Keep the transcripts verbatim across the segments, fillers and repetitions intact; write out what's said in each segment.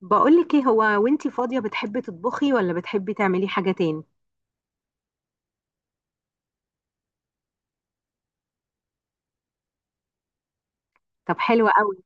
بقولك ايه، هو وانتي فاضية بتحبي تطبخي ولا بتحبي تعملي حاجة تاني؟ طب حلو قوي.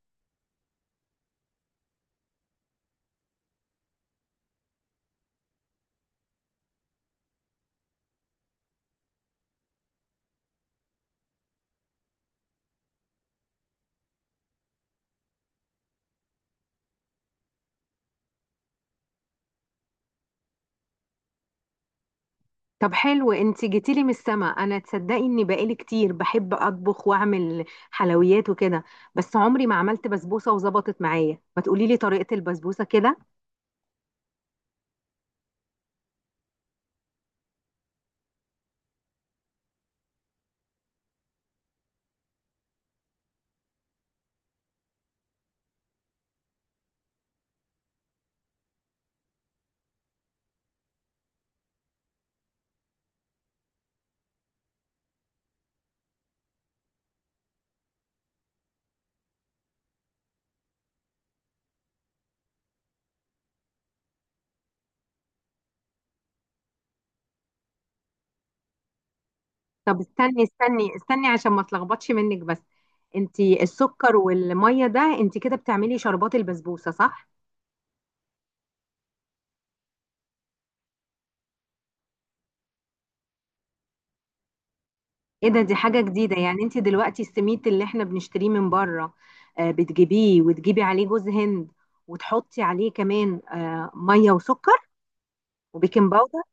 طب حلو، انتي جيتيلي من السما. انا تصدقي اني بقالي كتير بحب اطبخ واعمل حلويات وكده، بس عمري ما عملت بسبوسة وظبطت معايا. ما تقوليلي طريقة البسبوسة كده. طب استني استني استني عشان ما اتلخبطش منك. بس انتي السكر والمية ده انتي كده بتعملي شربات البسبوسة، صح؟ ايه ده، دي حاجة جديدة يعني. انت دلوقتي السميد اللي احنا بنشتريه من بره، آه، بتجيبيه وتجيبي عليه جوز هند، وتحطي عليه كمان آه، مية وسكر وبيكنج باودر؟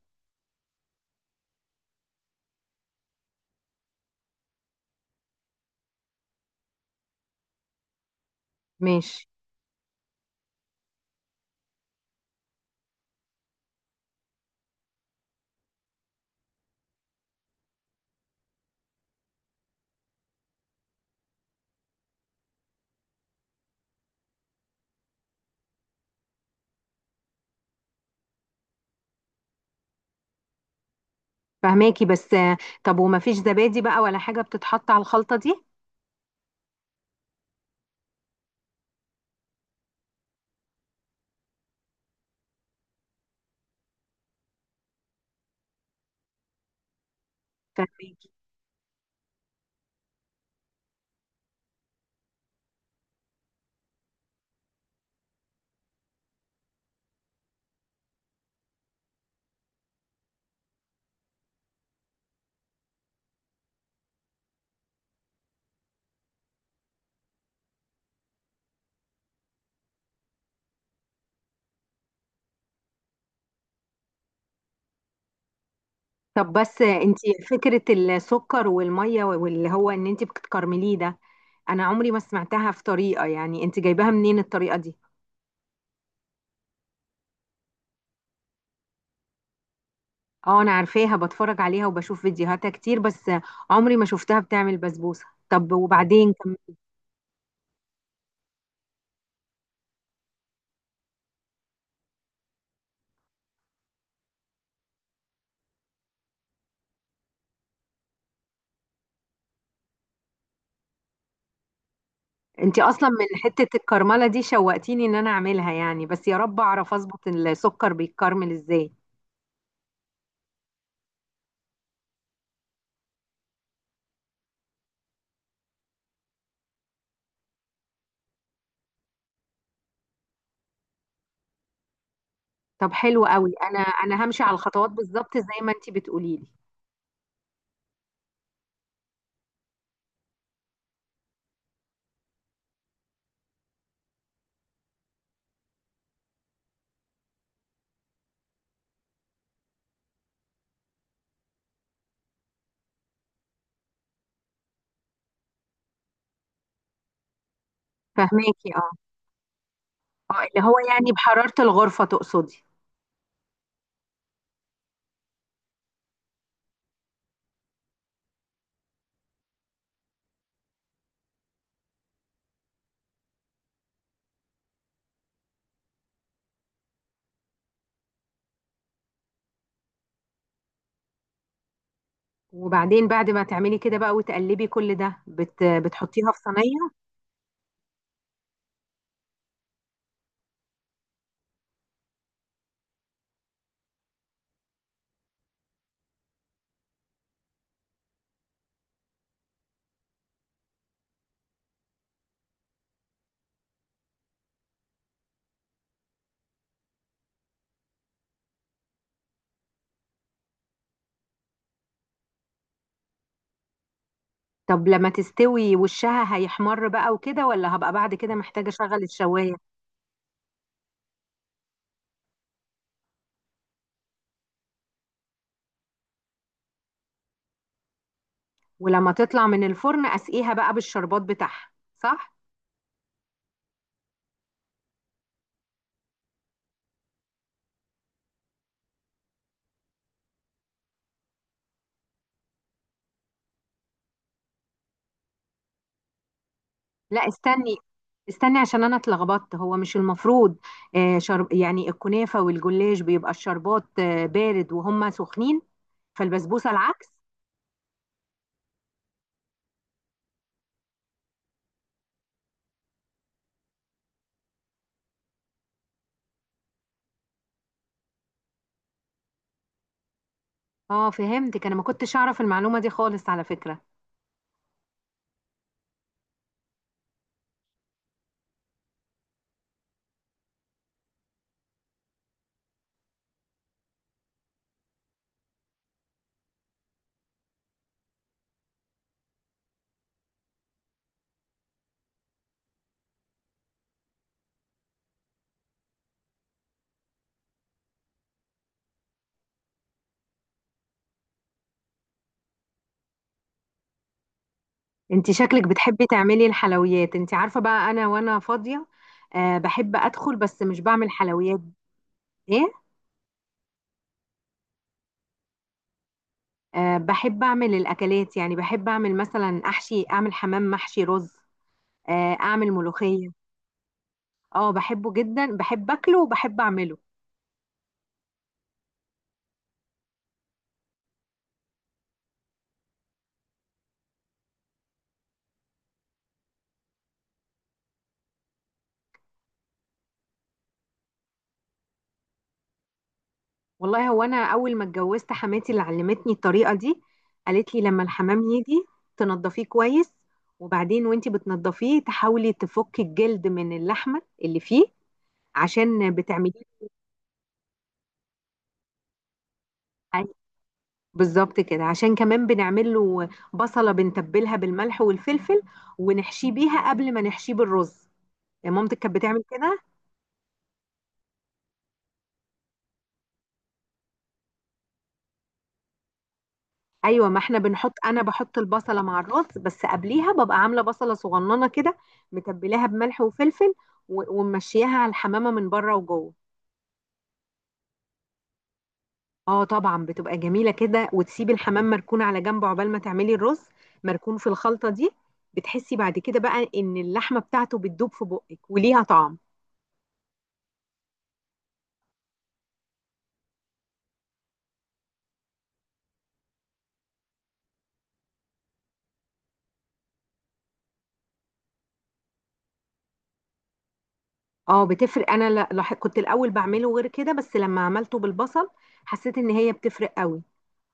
ماشي. فهماكي، بس آه، طب وما فيش زبادي بقى ولا حاجة بتتحط على الخلطة دي؟ فهماكي. طب بس آه، انت فكرة السكر والمية، واللي هو ان انت بتكرمليه ده، انا عمري ما سمعتها في طريقة. يعني انت جايباها منين الطريقة دي؟ اه انا عارفاها، بتفرج عليها وبشوف فيديوهاتها كتير، بس عمري ما شفتها بتعمل بسبوسة. طب وبعدين كم... انت اصلا من حتة الكرملة دي شوقتيني ان انا اعملها يعني، بس يا رب اعرف اظبط السكر بيتكرمل ازاي. طب حلو قوي، انا انا همشي على الخطوات بالظبط زي ما انت بتقولي لي. فهماكي. اه، اه اللي هو يعني بحرارة الغرفة تقصدي؟ وبعدين بعد ما تعملي كده بقى وتقلبي كل ده، بت... بتحطيها في صينية؟ طب لما تستوي وشها هيحمر بقى وكده، ولا هبقى بعد كده محتاجة اشغل الشواية؟ ولما تطلع من الفرن اسقيها بقى بالشربات بتاعها، صح؟ لا استني، استني عشان انا اتلخبطت. هو مش المفروض آه، شرب يعني الكنافه والجلاش بيبقى الشربات آه بارد وهما سخنين؟ فالبسبوسه العكس. اه فهمتك، انا ما كنتش اعرف المعلومه دي خالص على فكره. انت شكلك بتحبي تعملي الحلويات. انت عارفه بقى انا وانا فاضيه، آه بحب ادخل بس مش بعمل حلويات. ايه؟ آه بحب اعمل الاكلات. يعني بحب اعمل مثلا احشي، اعمل حمام محشي رز، آه، اعمل ملوخيه. اه بحبه جدا، بحب اكله وبحب اعمله. والله هو انا اول ما اتجوزت حماتي اللي علمتني الطريقه دي. قالت لي لما الحمام يجي تنضفيه كويس، وبعدين وانتي بتنضفيه تحاولي تفكي الجلد من اللحمه اللي فيه، عشان بتعمليه. أي- بالظبط كده. عشان كمان بنعمل له بصله، بنتبلها بالملح والفلفل، ونحشيه بيها قبل ما نحشيه بالرز. يعني مامتك كانت بتعمل كده؟ ايوه، ما احنا بنحط، انا بحط البصله مع الرز بس قبليها ببقى عامله بصله صغننه كده، متبلاها بملح وفلفل، و- وممشياها على الحمامه من بره وجوه. اه طبعا بتبقى جميله كده. وتسيبي الحمام مركون على جنب عقبال ما تعملي الرز، مركون في الخلطه دي. بتحسي بعد كده بقى ان اللحمه بتاعته بتدوب في بقك وليها طعم. اه بتفرق، انا لا لاح- كنت الاول بعمله غير كده، بس لما عملته بالبصل حسيت ان هي بتفرق قوي.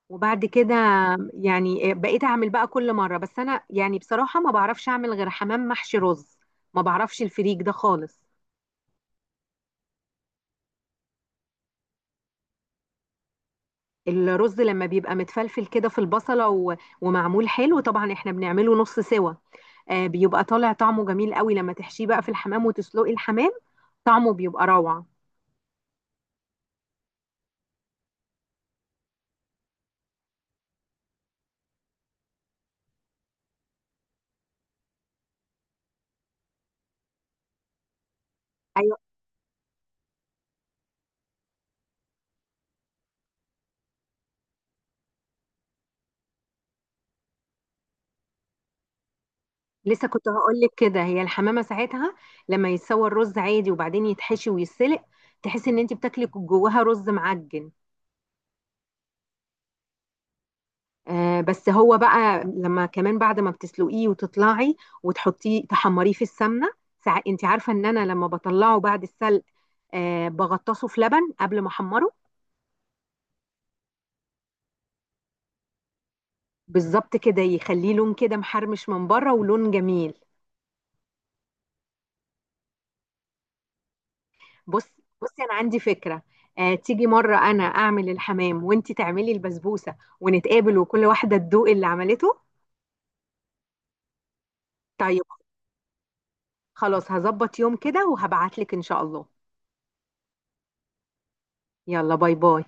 وبعد كده يعني آه، بقيت اعمل بقى كل مره. بس انا يعني بصراحه ما بعرفش اعمل غير حمام محشي رز، ما بعرفش الفريك ده خالص. الرز لما بيبقى متفلفل كده في البصله و... ومعمول حلو، طبعا احنا بنعمله نص سوا، آه بيبقى طالع طعمه جميل قوي. لما تحشيه بقى في الحمام وتسلقي الحمام طعمه بيبقى روعه. ايوه لسه كنت هقول لك كده، هي الحمامه ساعتها لما يتسوى الرز عادي وبعدين يتحشي ويتسلق، تحسي ان انت بتاكلي جواها رز معجن. آه، بس هو بقى لما كمان بعد ما بتسلقيه وتطلعي وتحطيه تحمريه في السمنه، ساع- انت عارفه ان انا لما بطلعه بعد السلق آه، بغطسه في لبن قبل ما احمره. بالظبط كده، يخليه لون كده محرمش من بره ولون جميل. بص، بصي انا عندي فكره. آه، تيجي مره انا اعمل الحمام وانت تعملي البسبوسه، ونتقابل وكل واحده تدوق اللي عملته. طيب خلاص، هظبط يوم كده وهبعتلك ان شاء الله. يلا، باي باي.